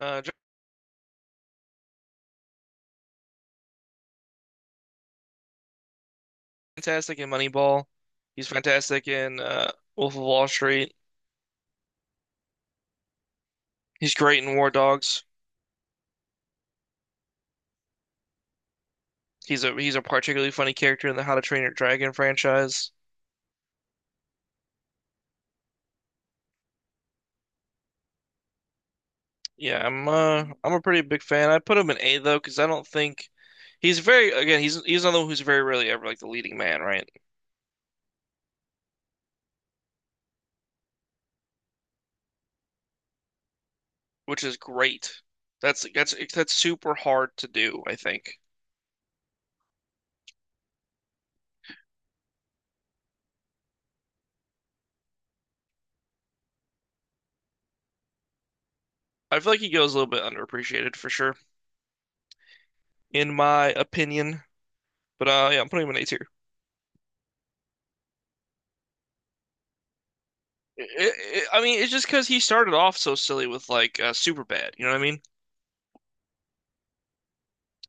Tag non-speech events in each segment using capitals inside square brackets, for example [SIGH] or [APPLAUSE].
Joe's fantastic in Moneyball. He's fantastic in Wolf of Wall Street. He's great in War Dogs. He's a particularly funny character in the How to Train Your Dragon franchise. Yeah, I'm a pretty big fan. I put him in A though because I don't think he's another one who's very rarely ever like the leading man, right? Which is great. That's super hard to do, I think. I feel like he goes a little bit underappreciated for sure, in my opinion. But yeah, I'm putting him in A tier. I mean, it's just because he started off so silly with like Superbad. You know what I mean?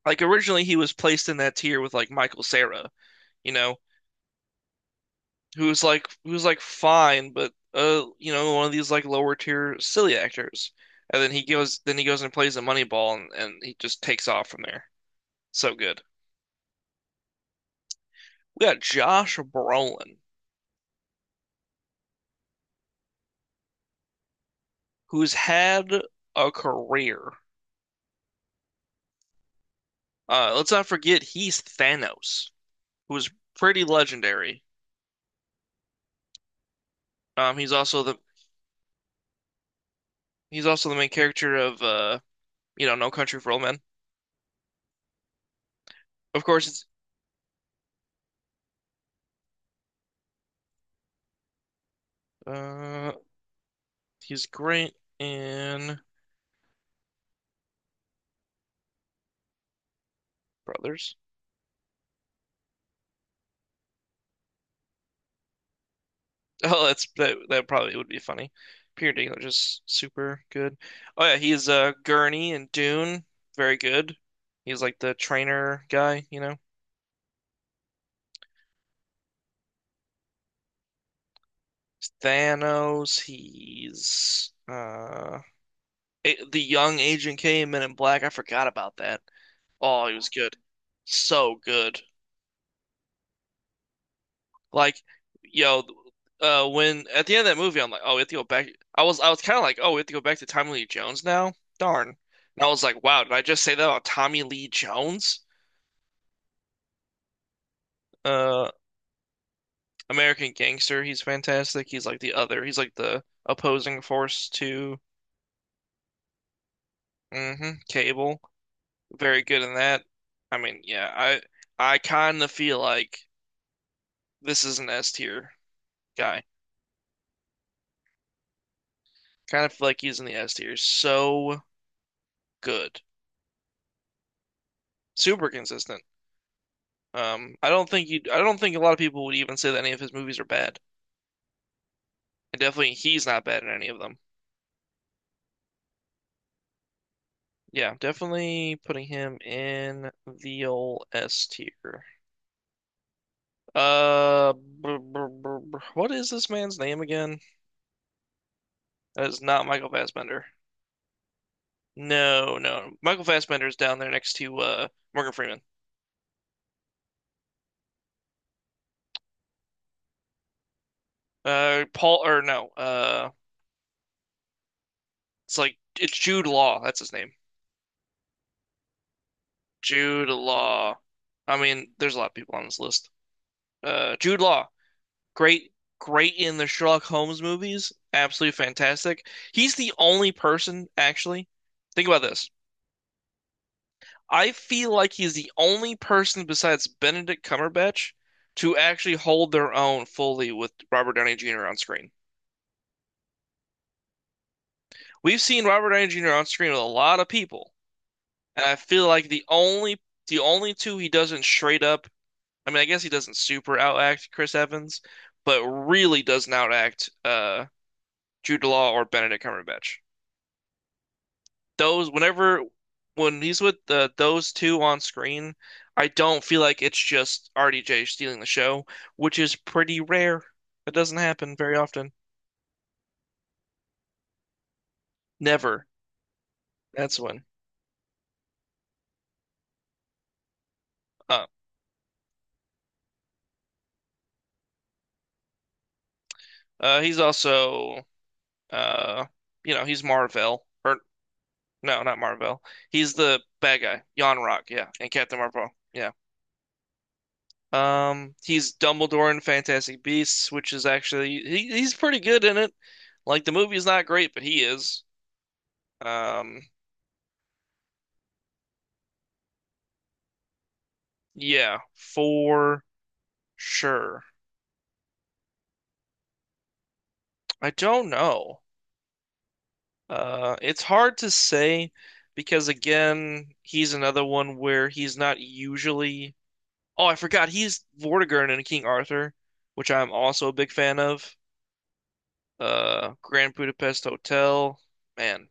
Like originally he was placed in that tier with like Michael Cera, you know, who's like fine, but you know, one of these like lower tier silly actors. And then he goes and plays a Moneyball, and he just takes off from there. So good. We got Josh Brolin, who's had a career. Let's not forget he's Thanos, who's pretty legendary. Um, he's also the He's also the main character of you know, No Country for Old Men. Of course, it's, uh, he's great in Brothers. [LAUGHS] Oh, that's that. That probably would be funny. Peter Dinklage is super good. Oh yeah, he's Gurney in Dune. Very good. He's like the trainer guy, you know. Thanos. He's the young Agent K in Men in Black. I forgot about that. Oh, he was good. So good. Like, you know, when at the end of that movie, I'm like, oh, we have to go back. I was kind of like, oh, we have to go back to Tommy Lee Jones now. Darn. And I was like, wow, did I just say that about Tommy Lee Jones? Uh, American Gangster. He's fantastic. He's like the other. He's like the opposing force to Cable. Very good in that. I mean, yeah, I kind of feel like this is an S tier guy. Kind of feel like he's in the S tier. So good. Super consistent. I don't think you. I don't think a lot of people would even say that any of his movies are bad. And definitely, he's not bad in any of them. Yeah, definitely putting him in the old S tier. What is this man's name again? That is not Michael Fassbender. No, no, Michael Fassbender is down there next to Morgan Freeman. Paul or no, it's like it's Jude Law. That's his name. Jude Law. I mean, there's a lot of people on this list. Jude Law. great, great in the Sherlock Holmes movies. Absolutely fantastic. He's the only person, actually. Think about this. I feel like he's the only person besides Benedict Cumberbatch to actually hold their own fully with Robert Downey Jr. on screen. We've seen Robert Downey Jr. on screen with a lot of people, and I feel like the only two he doesn't straight up. I mean, I guess he doesn't super outact Chris Evans, but really doesn't outact Jude Law or Benedict Cumberbatch. Those whenever when he's with the those two on screen, I don't feel like it's just RDJ stealing the show, which is pretty rare. It doesn't happen very often. Never. That's when. Uh, he's also uh you know, he's Marvel or no, not Marvel. He's the bad guy, Yon Rock, yeah, and Captain Marvel. Yeah. He's Dumbledore in Fantastic Beasts, which is actually he's pretty good in it. Like the movie's not great, but he is. Um, Yeah, for sure. I don't know. It's hard to say because again, he's another one where he's not usually. Oh, I forgot he's Vortigern in King Arthur, which I'm also a big fan of. Grand Budapest Hotel. Man,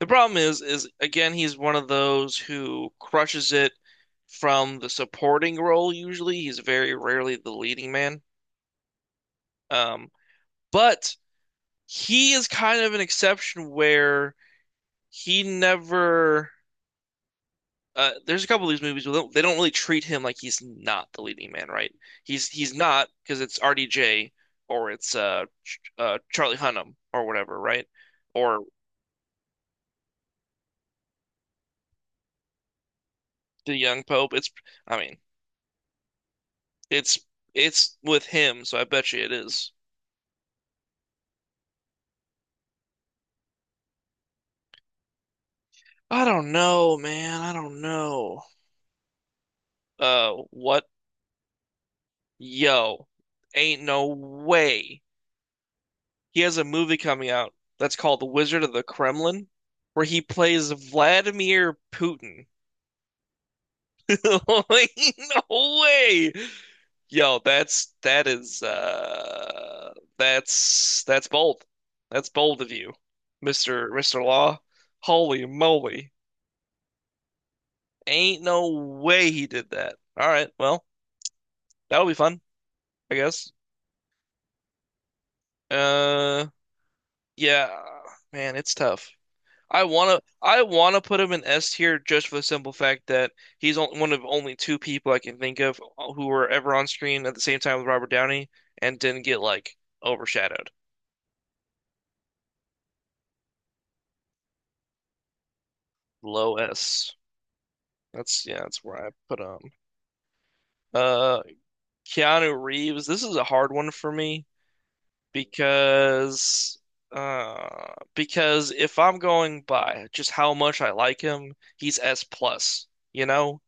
the problem is again, he's one of those who crushes it from the supporting role. Usually, he's very rarely the leading man. Um, but he is kind of an exception where he never. There's a couple of these movies where they don't really treat him like he's not the leading man, right? He's not because it's RDJ or it's Charlie Hunnam or whatever, right? Or the young Pope. It's I mean it's it's with him, so I bet you it is. I don't know, man. I don't know. What? Yo, ain't no way he has a movie coming out that's called The Wizard of the Kremlin, where he plays Vladimir Putin. [LAUGHS] Like, no way. Yo, that's bold. That's bold of you, Mr. Law. Holy moly. Ain't no way he did that. All right, well, that'll be fun, I guess. Uh yeah, man, it's tough. I wanna put him in S tier just for the simple fact that he's one of only two people I can think of who were ever on screen at the same time with Robert Downey and didn't get like overshadowed. Low S. That's yeah, that's where I put him. Uh, Keanu Reeves. This is a hard one for me because because if I'm going by just how much I like him, he's S plus, you know?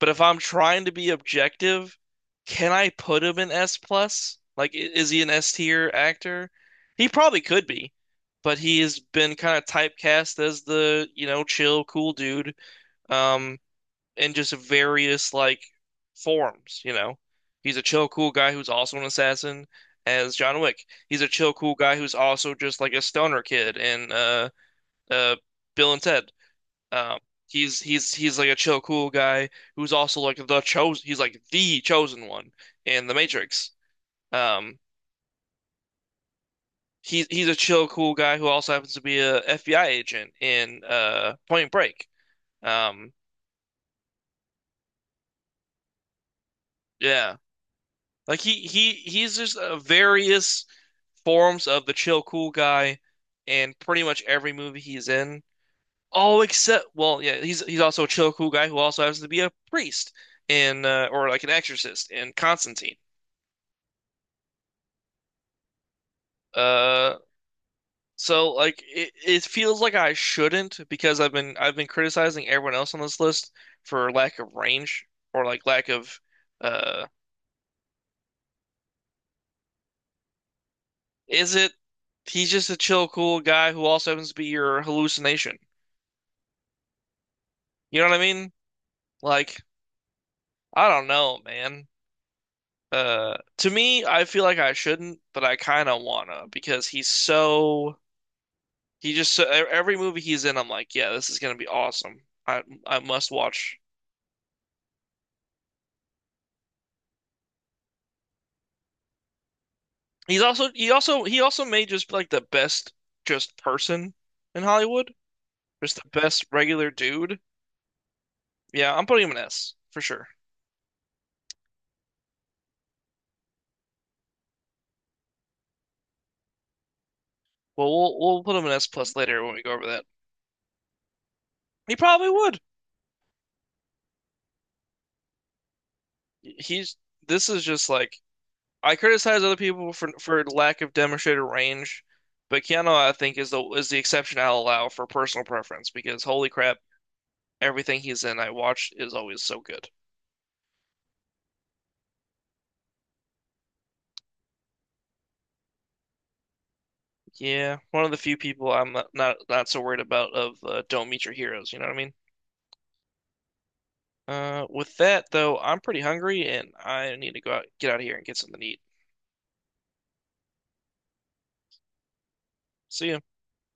But if I'm trying to be objective, can I put him in S plus? Like, is he an S tier actor? He probably could be, but he has been kind of typecast as the, you know, chill, cool dude, um, in just various like forms, you know. He's a chill, cool guy who's also an assassin as John Wick. He's a chill, cool guy who's also just like a stoner kid in uh Bill and Ted. Um, he's he's like a chill, cool guy who's also like the chosen. He's like the chosen one in the Matrix. Um, he's a chill, cool guy who also happens to be a FBI agent in Point Break. Um, yeah, like he's just various forms of the chill, cool guy in pretty much every movie he's in. Oh, except well, yeah, he's also a chill, cool guy who also happens to be a priest in or like an exorcist in Constantine. Uh, So like it feels like I shouldn't because I've been criticizing everyone else on this list for lack of range or like lack of uh is it he's just a chill cool guy who also happens to be your hallucination. You know what I mean? Like I don't know, man. To me I feel like I shouldn't, but I kind of wanna because he's so e- every movie he's in I'm like, yeah, this is gonna be awesome. I must watch. He also made just like the best just person in Hollywood, just the best regular dude. Yeah, I'm putting him an S for sure. Well, we'll put him an S plus later when we go over that. He probably would. He's this is just like I criticize other people for lack of demonstrated range, but Keanu I think is the exception I'll allow for personal preference because holy crap, everything he's in I watch is always so good. Yeah, one of the few people I'm not so worried about of don't meet your heroes. You know what I mean? With that though, I'm pretty hungry and I need to go out, get out of here and get something to eat. See ya.